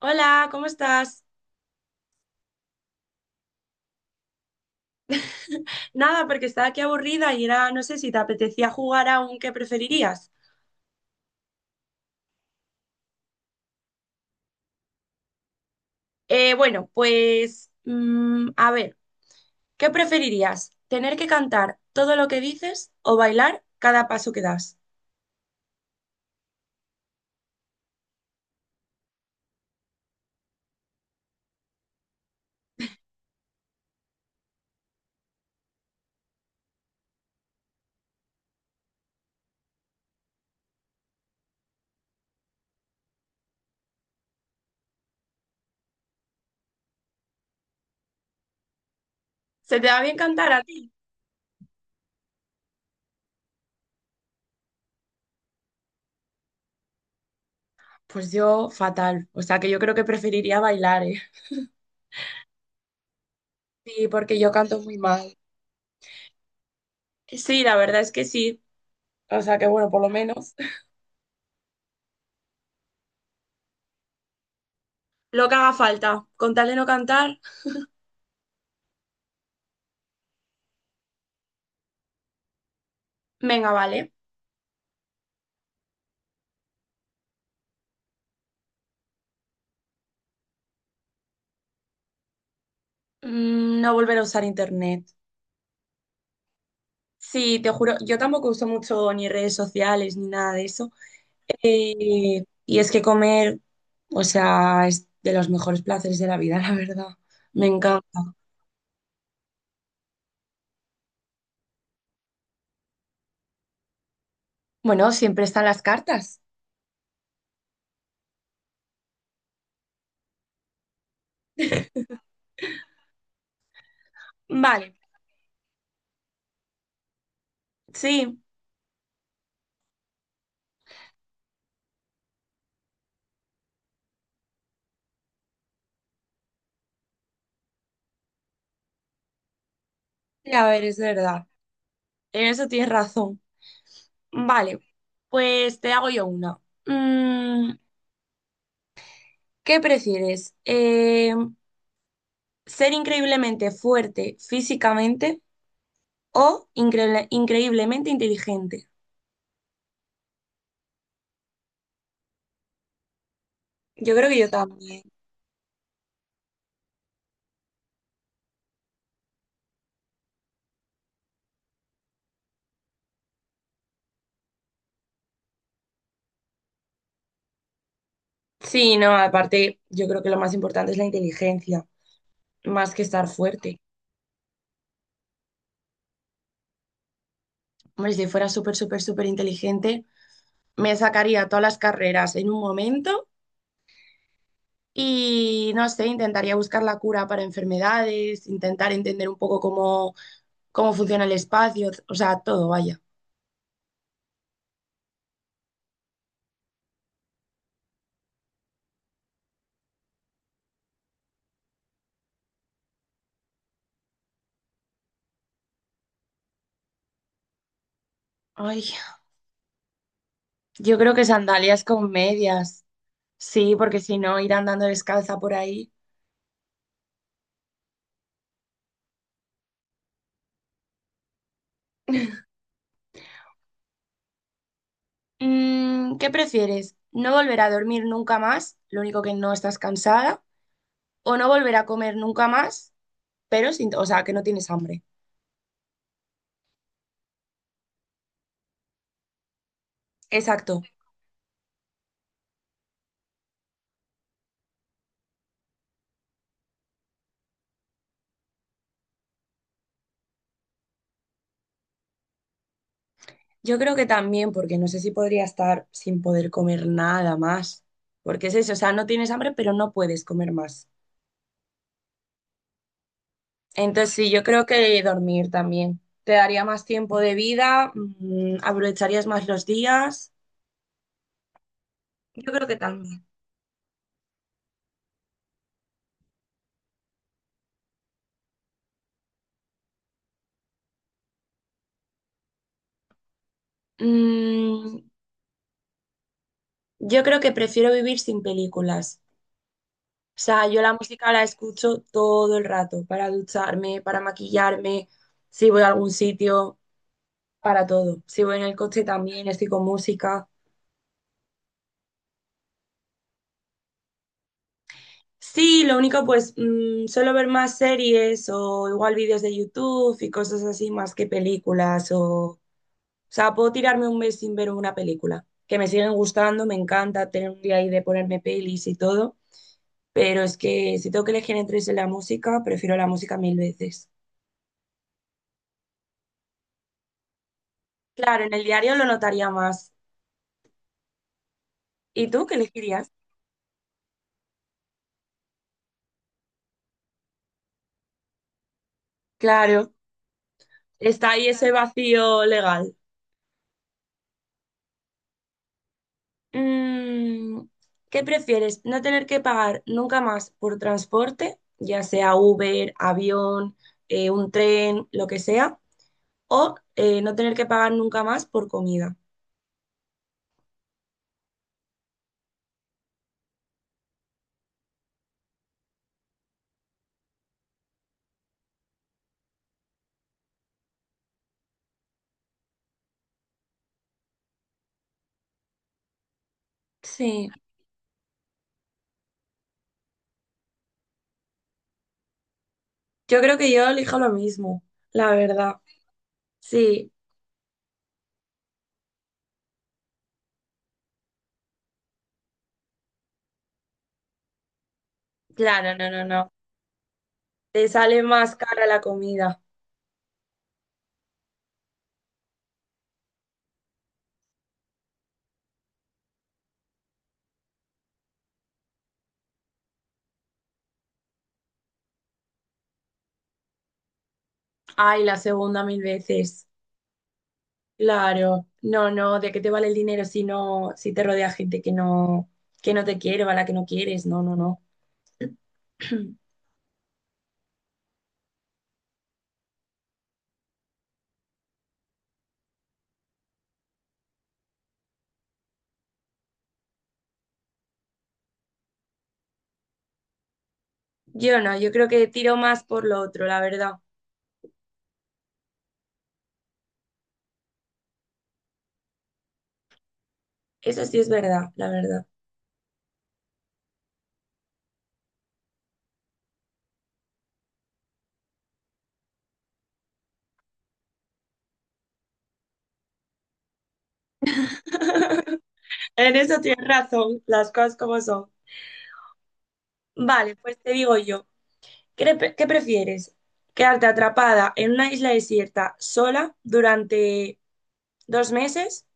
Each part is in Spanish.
Hola, ¿cómo estás? Nada, porque estaba aquí aburrida y era, no sé si te apetecía jugar a un qué preferirías. Bueno, pues a ver, ¿qué preferirías? ¿Tener que cantar todo lo que dices o bailar cada paso que das? ¿Se te da bien cantar a ti? Pues yo fatal, o sea que yo creo que preferiría bailar, ¿eh? Sí, porque yo canto muy mal. Sí, la verdad es que sí, o sea que bueno, por lo menos. Lo que haga falta, con tal de no cantar, venga, vale. No volver a usar internet. Sí, te juro, yo tampoco uso mucho ni redes sociales ni nada de eso. Y es que comer, o sea, es de los mejores placeres de la vida, la verdad. Me encanta. Bueno, siempre están las cartas. Vale, sí, a ver, es verdad. En eso tienes razón. Vale, pues te hago yo una. Mm, ¿Qué prefieres? ¿Ser increíblemente fuerte físicamente o increíblemente inteligente? Yo creo que yo también. Sí, no, aparte, yo creo que lo más importante es la inteligencia, más que estar fuerte. Hombre, si fuera súper, súper, súper inteligente, me sacaría todas las carreras en un momento y, no sé, intentaría buscar la cura para enfermedades, intentar entender un poco cómo funciona el espacio, o sea, todo, vaya. Ay, yo creo que sandalias con medias. Sí, porque si no, ir andando descalza por ahí. ¿Qué prefieres? ¿No volver a dormir nunca más? Lo único que no estás cansada. O no volver a comer nunca más, pero sin, o sea, que no tienes hambre. Exacto. Yo creo que también, porque no sé si podría estar sin poder comer nada más, porque es eso, o sea, no tienes hambre, pero no puedes comer más. Entonces, sí, yo creo que dormir también. Te daría más tiempo de vida, aprovecharías más los días. Yo creo que también. Mm, yo creo que prefiero vivir sin películas. O sea, yo la música la escucho todo el rato, para ducharme, para maquillarme, si voy a algún sitio, para todo. Si voy en el coche también, estoy con música. Sí, lo único pues suelo ver más series o igual vídeos de YouTube y cosas así más que películas o. O sea, puedo tirarme un mes sin ver una película, que me siguen gustando, me encanta tener un día ahí de ponerme pelis y todo, pero es que si tengo que elegir entre eso y la música, prefiero la música mil veces. Claro, en el diario lo notaría más. ¿Y tú qué elegirías? Claro, está ahí ese vacío legal. Mm, ¿Qué prefieres? ¿No tener que pagar nunca más por transporte, ya sea Uber, avión, un tren, lo que sea? ¿O no tener que pagar nunca más por comida? Sí, yo creo que yo elijo lo mismo, la verdad. Sí, claro, no, no, no. Te sale más cara la comida. Ay, la segunda mil veces. Claro, no, no, ¿de qué te vale el dinero si no, si te rodea gente que no te quiere o a la que no quieres? No, no, no. Yo no, yo creo que tiro más por lo otro, la verdad. Eso sí es verdad, la verdad. En eso tienes razón, las cosas como son. Vale, pues te digo yo, ¿Qué prefieres? ¿Quedarte atrapada en una isla desierta sola durante 2 meses?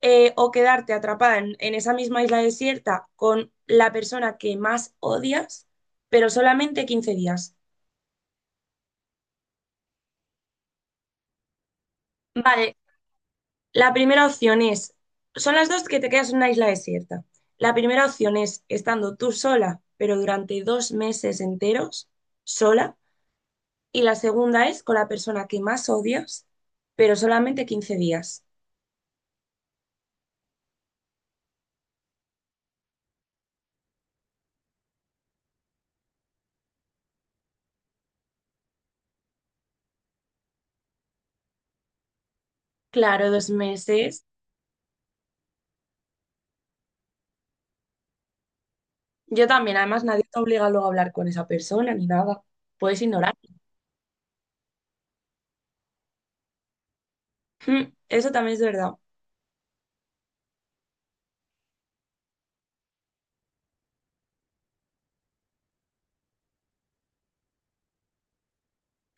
O quedarte atrapada en esa misma isla desierta con la persona que más odias, pero solamente 15 días. Vale, la primera opción es, son las dos que te quedas en una isla desierta. La primera opción es estando tú sola, pero durante 2 meses enteros, sola. Y la segunda es con la persona que más odias, pero solamente 15 días. Claro, 2 meses. Yo también, además nadie te obliga luego a hablar con esa persona ni nada. Puedes ignorar. Eso también es verdad.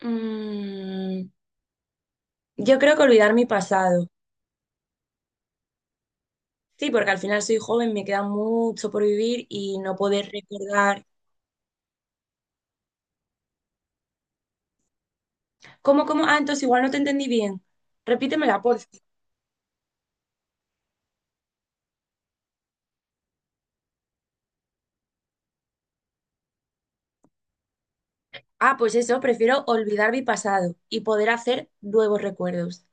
Mm, yo creo que olvidar mi pasado. Sí, porque al final soy joven, me queda mucho por vivir y no poder recordar. ¿Cómo, cómo? Ah, entonces igual no te entendí bien. Repítemela, por favor. Ah, pues eso, prefiero olvidar mi pasado y poder hacer nuevos recuerdos.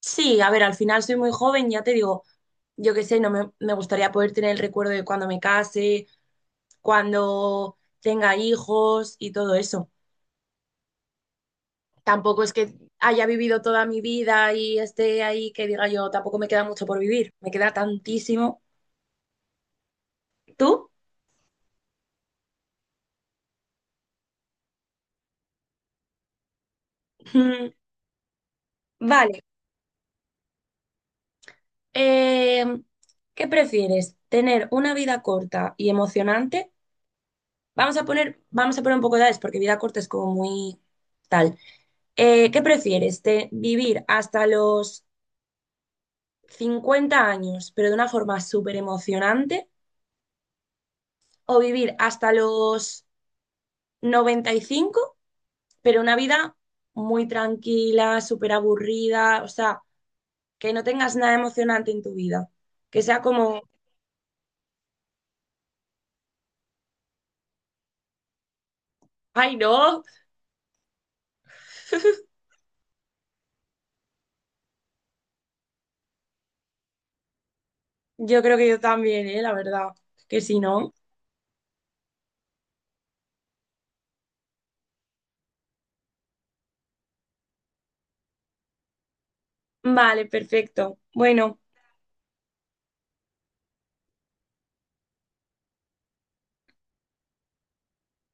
Sí, a ver, al final soy muy joven, ya te digo, yo qué sé, no me gustaría poder tener el recuerdo de cuando me case, cuando tenga hijos y todo eso. Tampoco es que haya vivido toda mi vida y esté ahí que diga yo, tampoco me queda mucho por vivir, me queda tantísimo. ¿Tú? Mm, Vale, eh, ¿qué prefieres? ¿Tener una vida corta y emocionante? Vamos a poner un poco de edades porque vida corta es como muy tal. ¿Qué prefieres? ¿Vivir hasta los 50 años, pero de una forma súper emocionante? ¿O vivir hasta los 95 pero una vida muy tranquila, súper aburrida, o sea, que no tengas nada emocionante en tu vida, que sea como, ay, no, yo creo que yo también, ¿eh? La verdad, que si no. Vale, perfecto. Bueno.